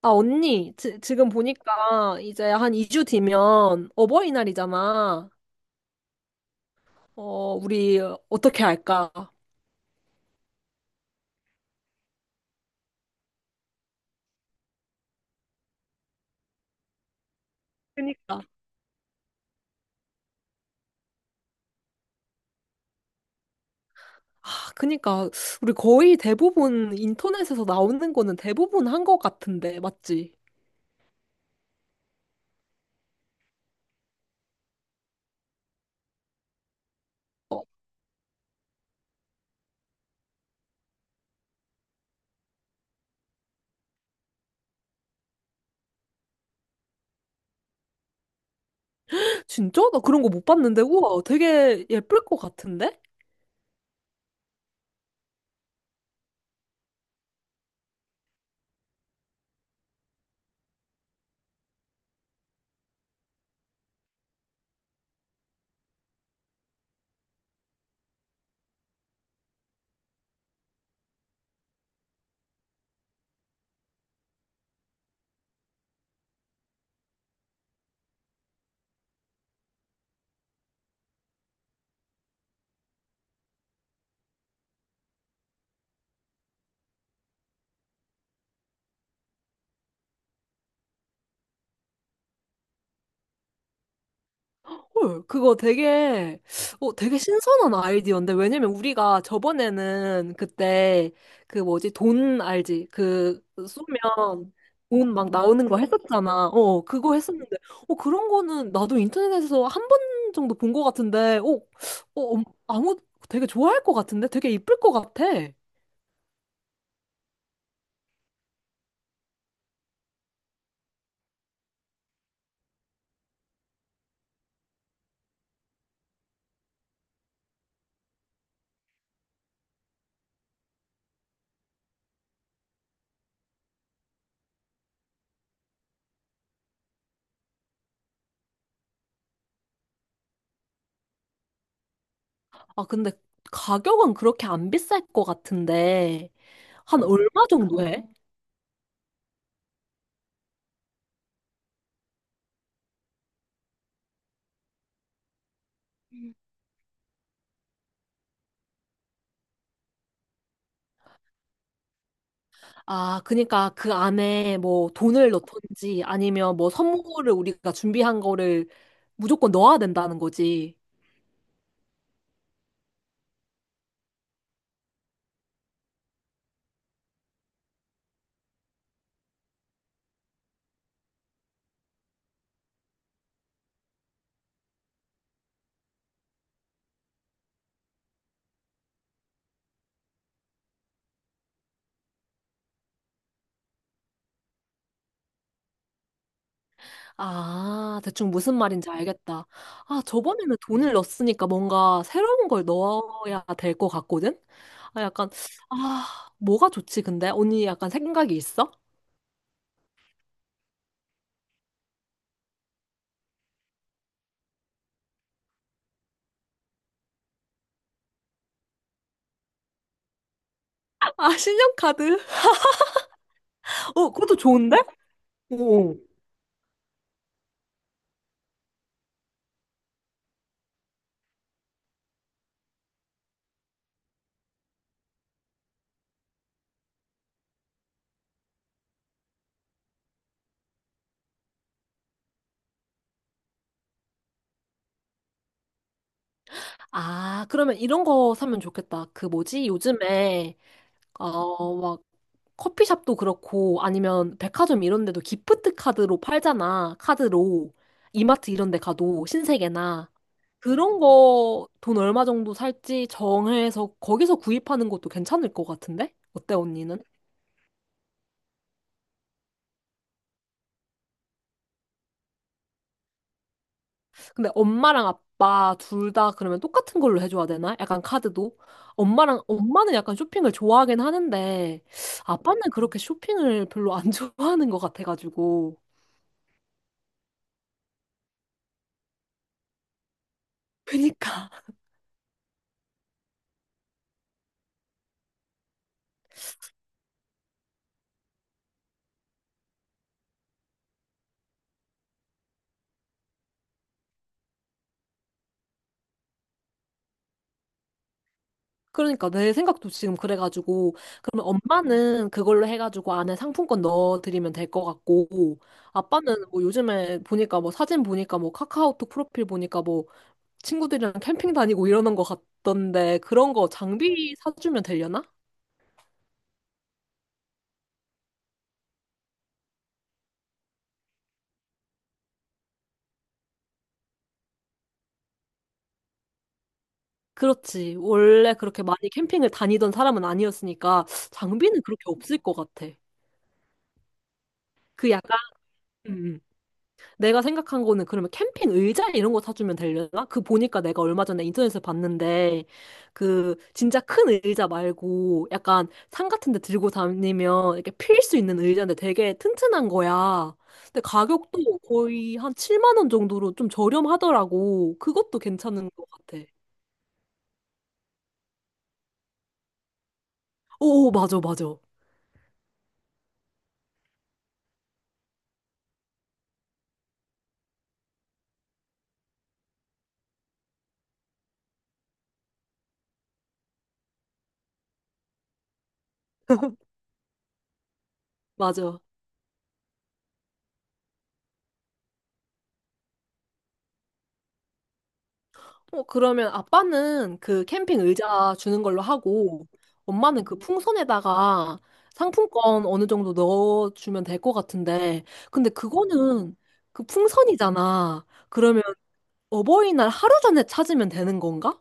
아, 언니, 지금 보니까 이제 한 2주 뒤면 어버이날이잖아. 어, 우리 어떻게 할까? 그니까. 아, 그니까. 우리 거의 대부분 인터넷에서 나오는 거는 대부분 한 것 같은데, 맞지? 어, 진짜? 나 그런 거 못 봤는데, 우와, 되게 예쁠 것 같은데? 헐, 그거 되게 신선한 아이디어인데, 왜냐면 우리가 저번에는 그때, 그 뭐지, 돈 알지? 그, 쏘면 돈 막 나오는 거 했었잖아. 어, 그거 했었는데, 어, 그런 거는 나도 인터넷에서 한 번 정도 본 거 같은데, 어, 음, 아무, 되게 좋아할 것 같은데? 되게 이쁠 것 같아. 아, 근데 가격은 그렇게 안 비쌀 것 같은데, 한 얼마 정도 해? 아, 그니까 그 안에 뭐 돈을 넣던지 아니면 뭐 선물을 우리가 준비한 거를 무조건 넣어야 된다는 거지. 아, 대충 무슨 말인지 알겠다. 아, 저번에는 돈을 넣었으니까 뭔가 새로운 걸 넣어야 될 것 같거든? 아, 뭐가 좋지, 근데? 언니 약간 생각이 있어? 아, 신용카드. 어, 그것도 좋은데? 오. 아, 그러면 이런 거 사면 좋겠다. 그 뭐지? 요즘에, 막, 커피숍도 그렇고 아니면 백화점 이런 데도 기프트 카드로 팔잖아. 카드로. 이마트 이런 데 가도 신세계나 그런 거 돈 얼마 정도 살지 정해서 거기서 구입하는 것도 괜찮을 것 같은데? 어때, 언니는? 근데 엄마랑 아빠 둘 다 그러면 똑같은 걸로 해줘야 되나? 약간 카드도? 엄마랑 엄마는 약간 쇼핑을 좋아하긴 하는데 아빠는 그렇게 쇼핑을 별로 안 좋아하는 것 같아가지고 그니까 그러니까 내 생각도 지금 그래가지고 그러면 엄마는 그걸로 해가지고 안에 상품권 넣어드리면 될 것 같고 아빠는 뭐 요즘에 보니까 뭐 사진 보니까 뭐 카카오톡 프로필 보니까 뭐 친구들이랑 캠핑 다니고 이러는 것 같던데 그런 거 장비 사주면 되려나? 그렇지, 원래 그렇게 많이 캠핑을 다니던 사람은 아니었으니까 장비는 그렇게 없을 것 같아. 그 약간 음. 내가 생각한 거는 그러면 캠핑 의자 이런 거 사주면 되려나? 그 보니까 내가 얼마 전에 인터넷에서 봤는데 그 진짜 큰 의자 말고 약간 산 같은 데 들고 다니면 이렇게 필 수 있는 의자인데 되게 튼튼한 거야. 근데 가격도 거의 한 7만 원 정도로 좀 저렴하더라고. 그것도 괜찮은 것 같아. 오, 맞아, 맞아. 맞아. 어, 그러면 아빠는 그 캠핑 의자 주는 걸로 하고, 엄마는 그 풍선에다가 상품권 어느 정도 넣어주면 될 것 같은데, 근데 그거는 그 풍선이잖아. 그러면 어버이날 하루 전에 찾으면 되는 건가?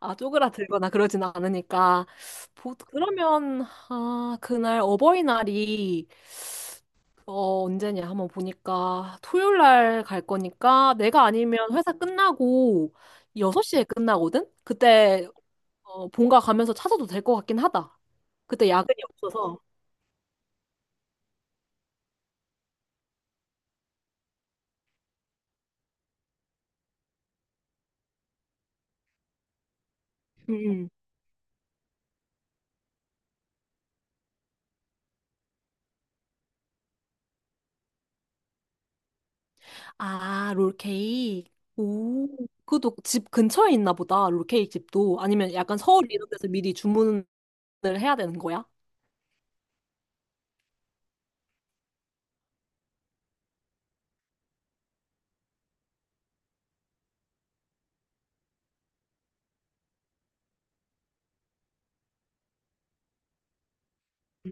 아, 쪼그라들거나 그러진 않으니까. 그러면, 아, 그날 어버이날이 언제냐 한번 보니까 토요일 날 갈 거니까 내가 아니면 회사 끝나고 6시에 끝나거든? 그때 본가 가면서 찾아도 될 것 같긴 하다. 그때 야근이 없어서. 음. 음. 아, 롤케이크. 오, 그것도 집 근처에 있나 보다. 롤케이크 집도. 아니면 약간 서울 이런 데서 미리 주문을 해야 되는 거야?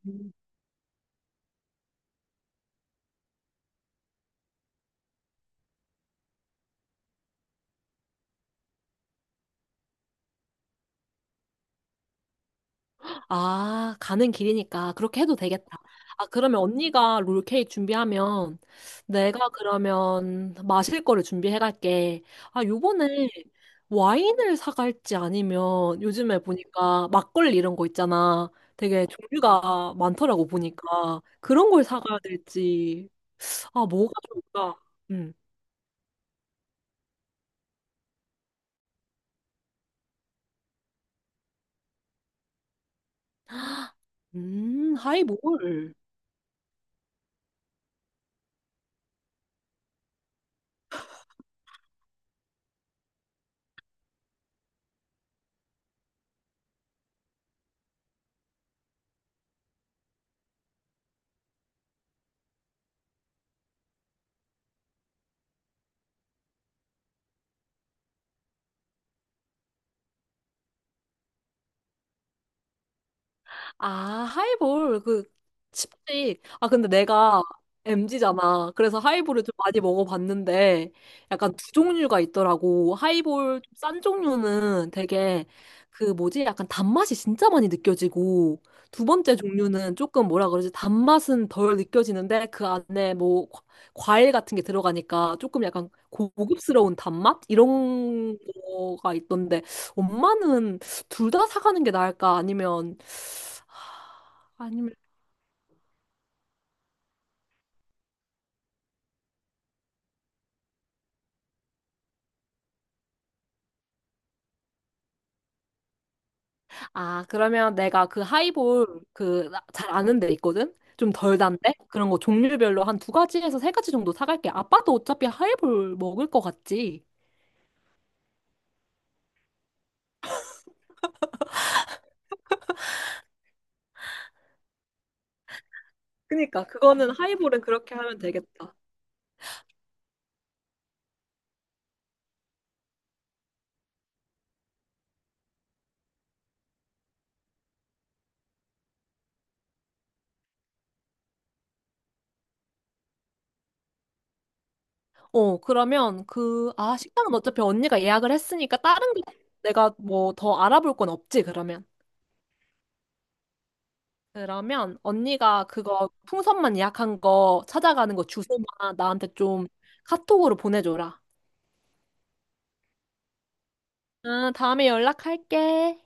음. 아, 가는 길이니까 그렇게 해도 되겠다. 아, 그러면 언니가 롤케이크 준비하면 내가 그러면 마실 거를 준비해 갈게. 아, 요번에 와인을 사갈지 아니면 요즘에 보니까 막걸리 이런 거 있잖아. 되게 종류가 많더라고, 보니까 그런 걸 사가야 될지. 아, 뭐가 좋을까? 음, 하이볼. 아, 하이볼, 칩식. 아, 근데 내가 MZ잖아. 그래서 하이볼을 좀 많이 먹어봤는데, 약간 두 종류가 있더라고. 하이볼 좀싼 종류는 되게, 그 뭐지? 약간 단맛이 진짜 많이 느껴지고, 두 번째 종류는 조금 뭐라 그러지? 단맛은 덜 느껴지는데, 그 안에 뭐, 과일 같은 게 들어가니까 조금 약간 고급스러운 단맛? 이런 거가 있던데, 엄마는 둘 다 사가는 게 나을까? 아니면 아니면 아, 그러면 내가 그 하이볼 그 잘 아는 데 있거든? 좀 덜 단데? 그런 거 종류별로 한 두 가지에서 세 가지 정도 사갈게. 아빠도 어차피 하이볼 먹을 것 같지? 그니까 그거는 하이볼은 그렇게 하면 되겠다. 어, 그러면 그 아, 식당은 어차피 언니가 예약을 했으니까 다른 게 내가 뭐 더 알아볼 건 없지 그러면. 그러면 언니가 그거 풍선만 예약한 거 찾아가는 거 주소만 나한테 좀 카톡으로 보내줘라. 아, 다음에 연락할게.